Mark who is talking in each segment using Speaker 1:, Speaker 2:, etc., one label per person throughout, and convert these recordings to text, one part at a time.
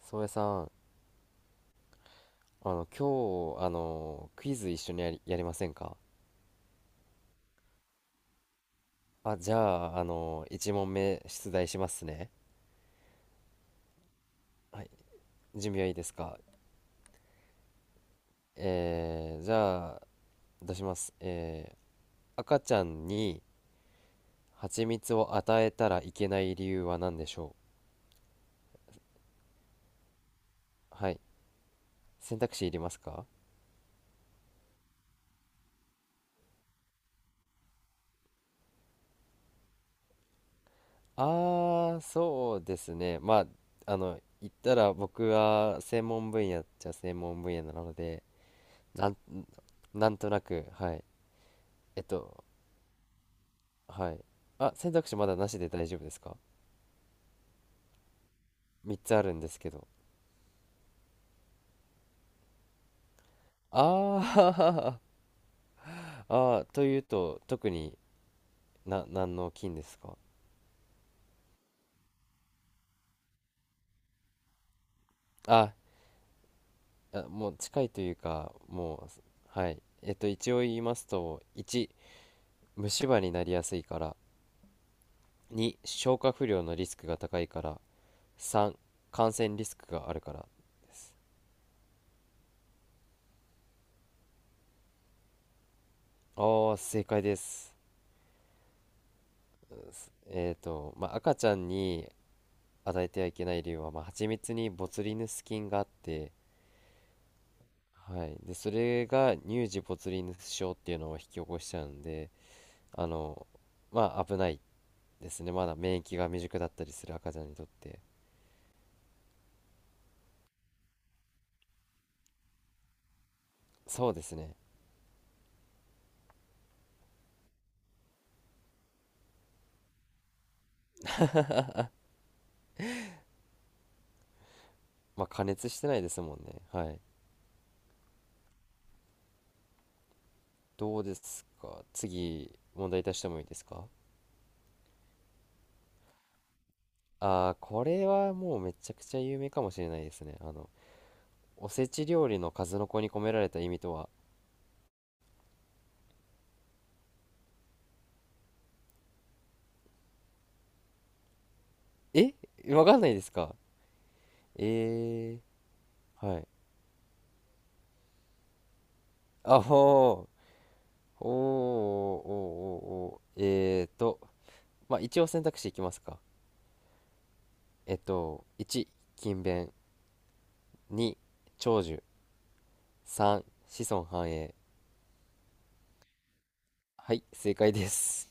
Speaker 1: 宗谷さん、今日、クイズ一緒にやりませんか？あ、じゃあ、あの、1問目出題しますね。はい、準備はいいですか？じゃあ、出します。赤ちゃんに蜂蜜を与えたらいけない理由は何でしょう？はい、選択肢いりますか？あー、そうですね。まあ、言ったら僕は専門分野っちゃ専門分野なので、なん、なんとなく、はい。えっと、はい。あ、選択肢まだなしで大丈夫ですか？ 3 つあるんですけど。あー あー、というと、特に何の菌ですか？あ、あ、もう近いというか、もう、はい。一応言いますと、1、虫歯になりやすいから、2、消化不良のリスクが高いから、3、感染リスクがあるからです。あー、正解です。まあ、赤ちゃんに与えてはいけない理由は、まあ、蜂蜜にボツリヌス菌があって、はい。で、それが乳児ボツリヌス症っていうのを引き起こしちゃうんで、あの、まあ危ないですね。まだ免疫が未熟だったりする赤ちゃんにとって。そうですね。まあ加熱してないですもんね。はい。どうですか？次、問題出してもいいですか？ああー、これはもうめちゃくちゃ有名かもしれないですね。おせち料理の数の子に込められた意味とは、えわかんないですか？えはい。あ、ほおーおーおーおーえーと、まあ、一応選択肢いきますか。1、勤勉。2、長寿。3、子孫繁栄。はい、正解です。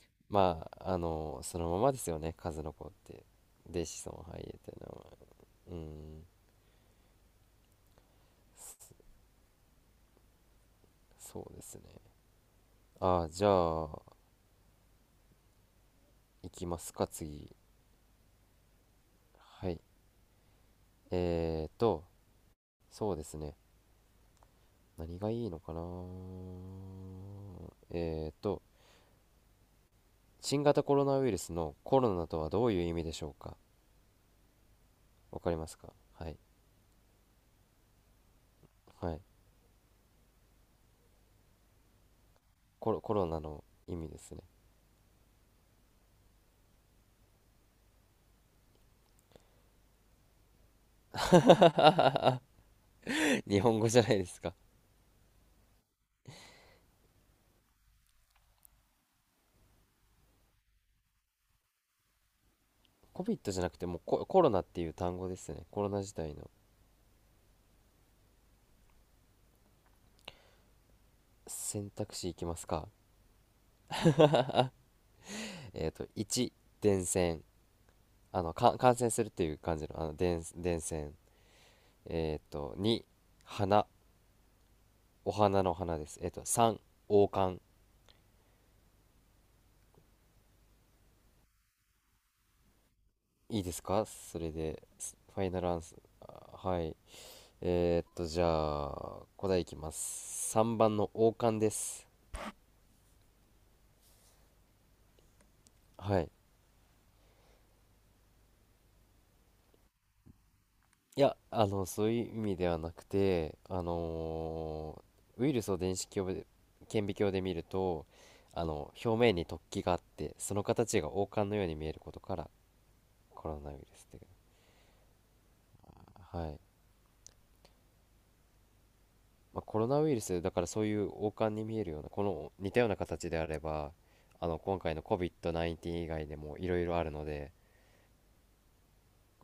Speaker 1: まあ、そのままですよね、数の子って。で、子孫繁栄ってのは。うん、そうですね。ああ、じゃあ、いきますか、次。はい。えーと、そうですね。何がいいのかな？えーと、新型コロナウイルスのコロナとはどういう意味でしょうか？わかりますか？はい、はい。コロナの意味ですね。 日本語じゃないですか？ COVID じゃなくてもうコロナっていう単語ですね、コロナ自体の。選択肢いきますか？1、伝染、か感染するっていう感じの、伝染。2、花。お花の花です。3、王冠。いいですかそれで？ファイナルアンス、はい。じゃあ、答えいきます。3番の王冠です。はい。いや、そういう意味ではなくて、ウイルスを電子鏡で、顕微鏡で見ると、表面に突起があって、その形が王冠のように見えることから、コロナウイルスっていう。はい。まあ、コロナウイルス、だからそういう王冠に見えるような、この似たような形であれば、今回の COVID-19 以外でもいろいろあるので、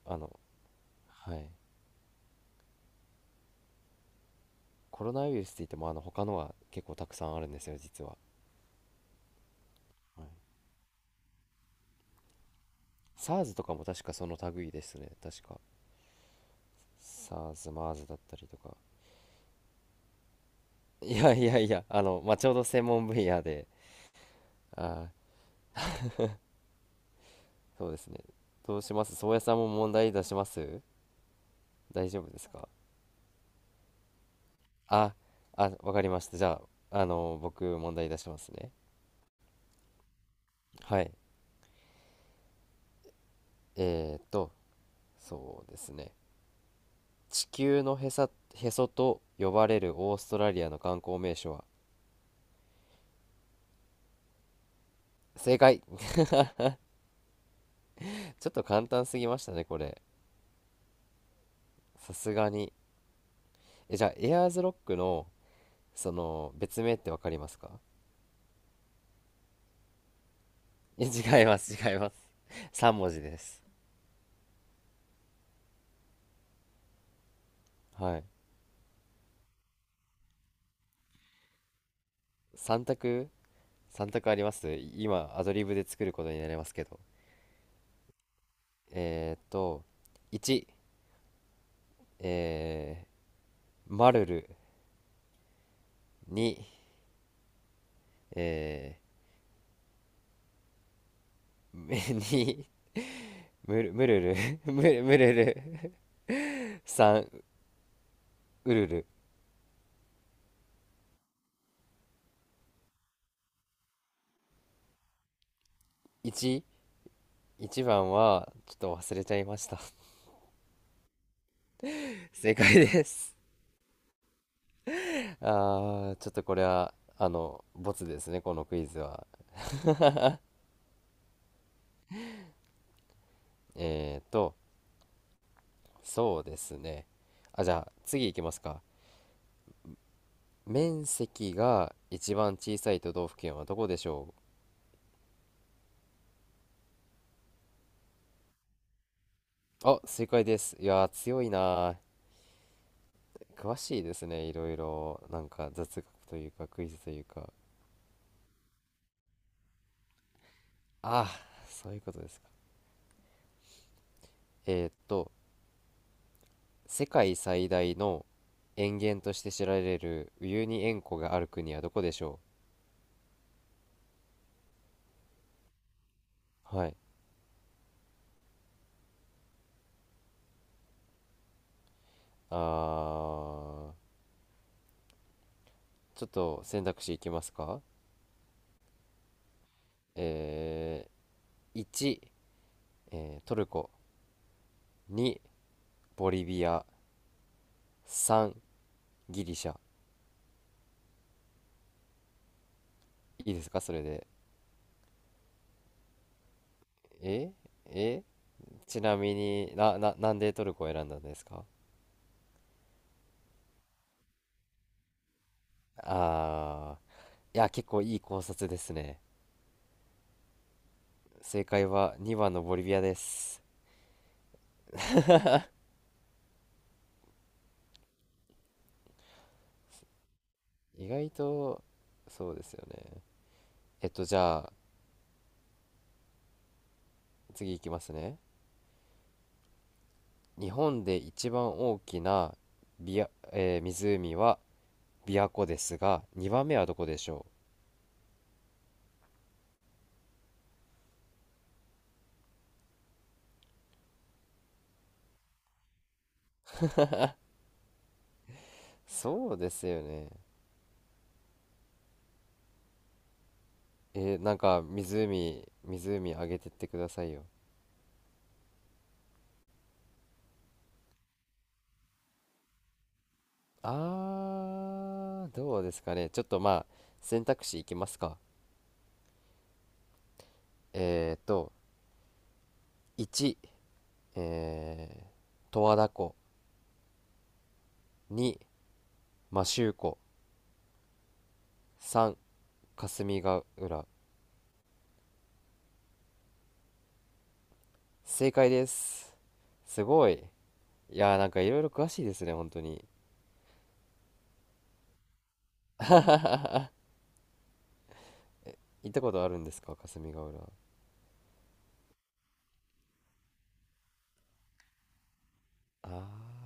Speaker 1: あの、はい。コロナウイルスって言っても他のは結構たくさんあるんですよ、実は。はい、SARS とかも確かその類ですね、確か、 SARS、MERS だったりとか。いやいやいや、まあ、ちょうど専門分野で。あー、そうですね。どうします？宗谷さんも問題出します？大丈夫ですか？ああ、わかりました。じゃあ、僕問題出しますね。はい。えーっとそうですね。地球のへそと呼ばれるオーストラリアの観光名所は？正解。ちょっと簡単すぎましたね、これ。さすがに。え、じゃあ、エアーズロックの、その、別名ってわかりますか？え、違います、違います。3文字です。はい。3択？ 3 択あります、今アドリブで作ることになりますけど。えーっと、1、えマルル。2、えー、む にムル、ムルル ムル、ムルル 3、ウルル。1、1番は、ちょっと忘れちゃいました。正解です。あー、ちょっとこれは、ボツですね、このクイズは。えーと、そうですね。あ、じゃあ、次いきますか。面積が一番小さい都道府県はどこでしょう？あ、正解です。いやー、強いなー。詳しいですね、いろいろ。なんか、雑学というか、クイズというか。あー、そういうことですか。えーと、世界最大の塩原として知られるウユニ塩湖がある国はどこでしょう？はい。あー。ちょっと選択肢いきますか？え1、トルコ。2、ボリビア。3、ギリシャ。いいですかそれで？ええちなみになんでトルコを選んだんですか？あー、いや、結構いい考察ですね。正解は2番のボリビアです。意外と、そうですよね。じゃあ、次いきますね。日本で一番大きな湖は琵琶湖ですが、2番目はどこでしょう？そうですよね。なんか湖あげてってくださいよ。あー、どうですかね。ちょっと、まあ、選択肢いきますか。えーと、1、えー、十和田湖。2、摩周湖。3、霞ヶ浦。正解です。すごい。いやー、なんかいろいろ詳しいですね、本当に。行ったことあるんですか、霞ヶ浦？あ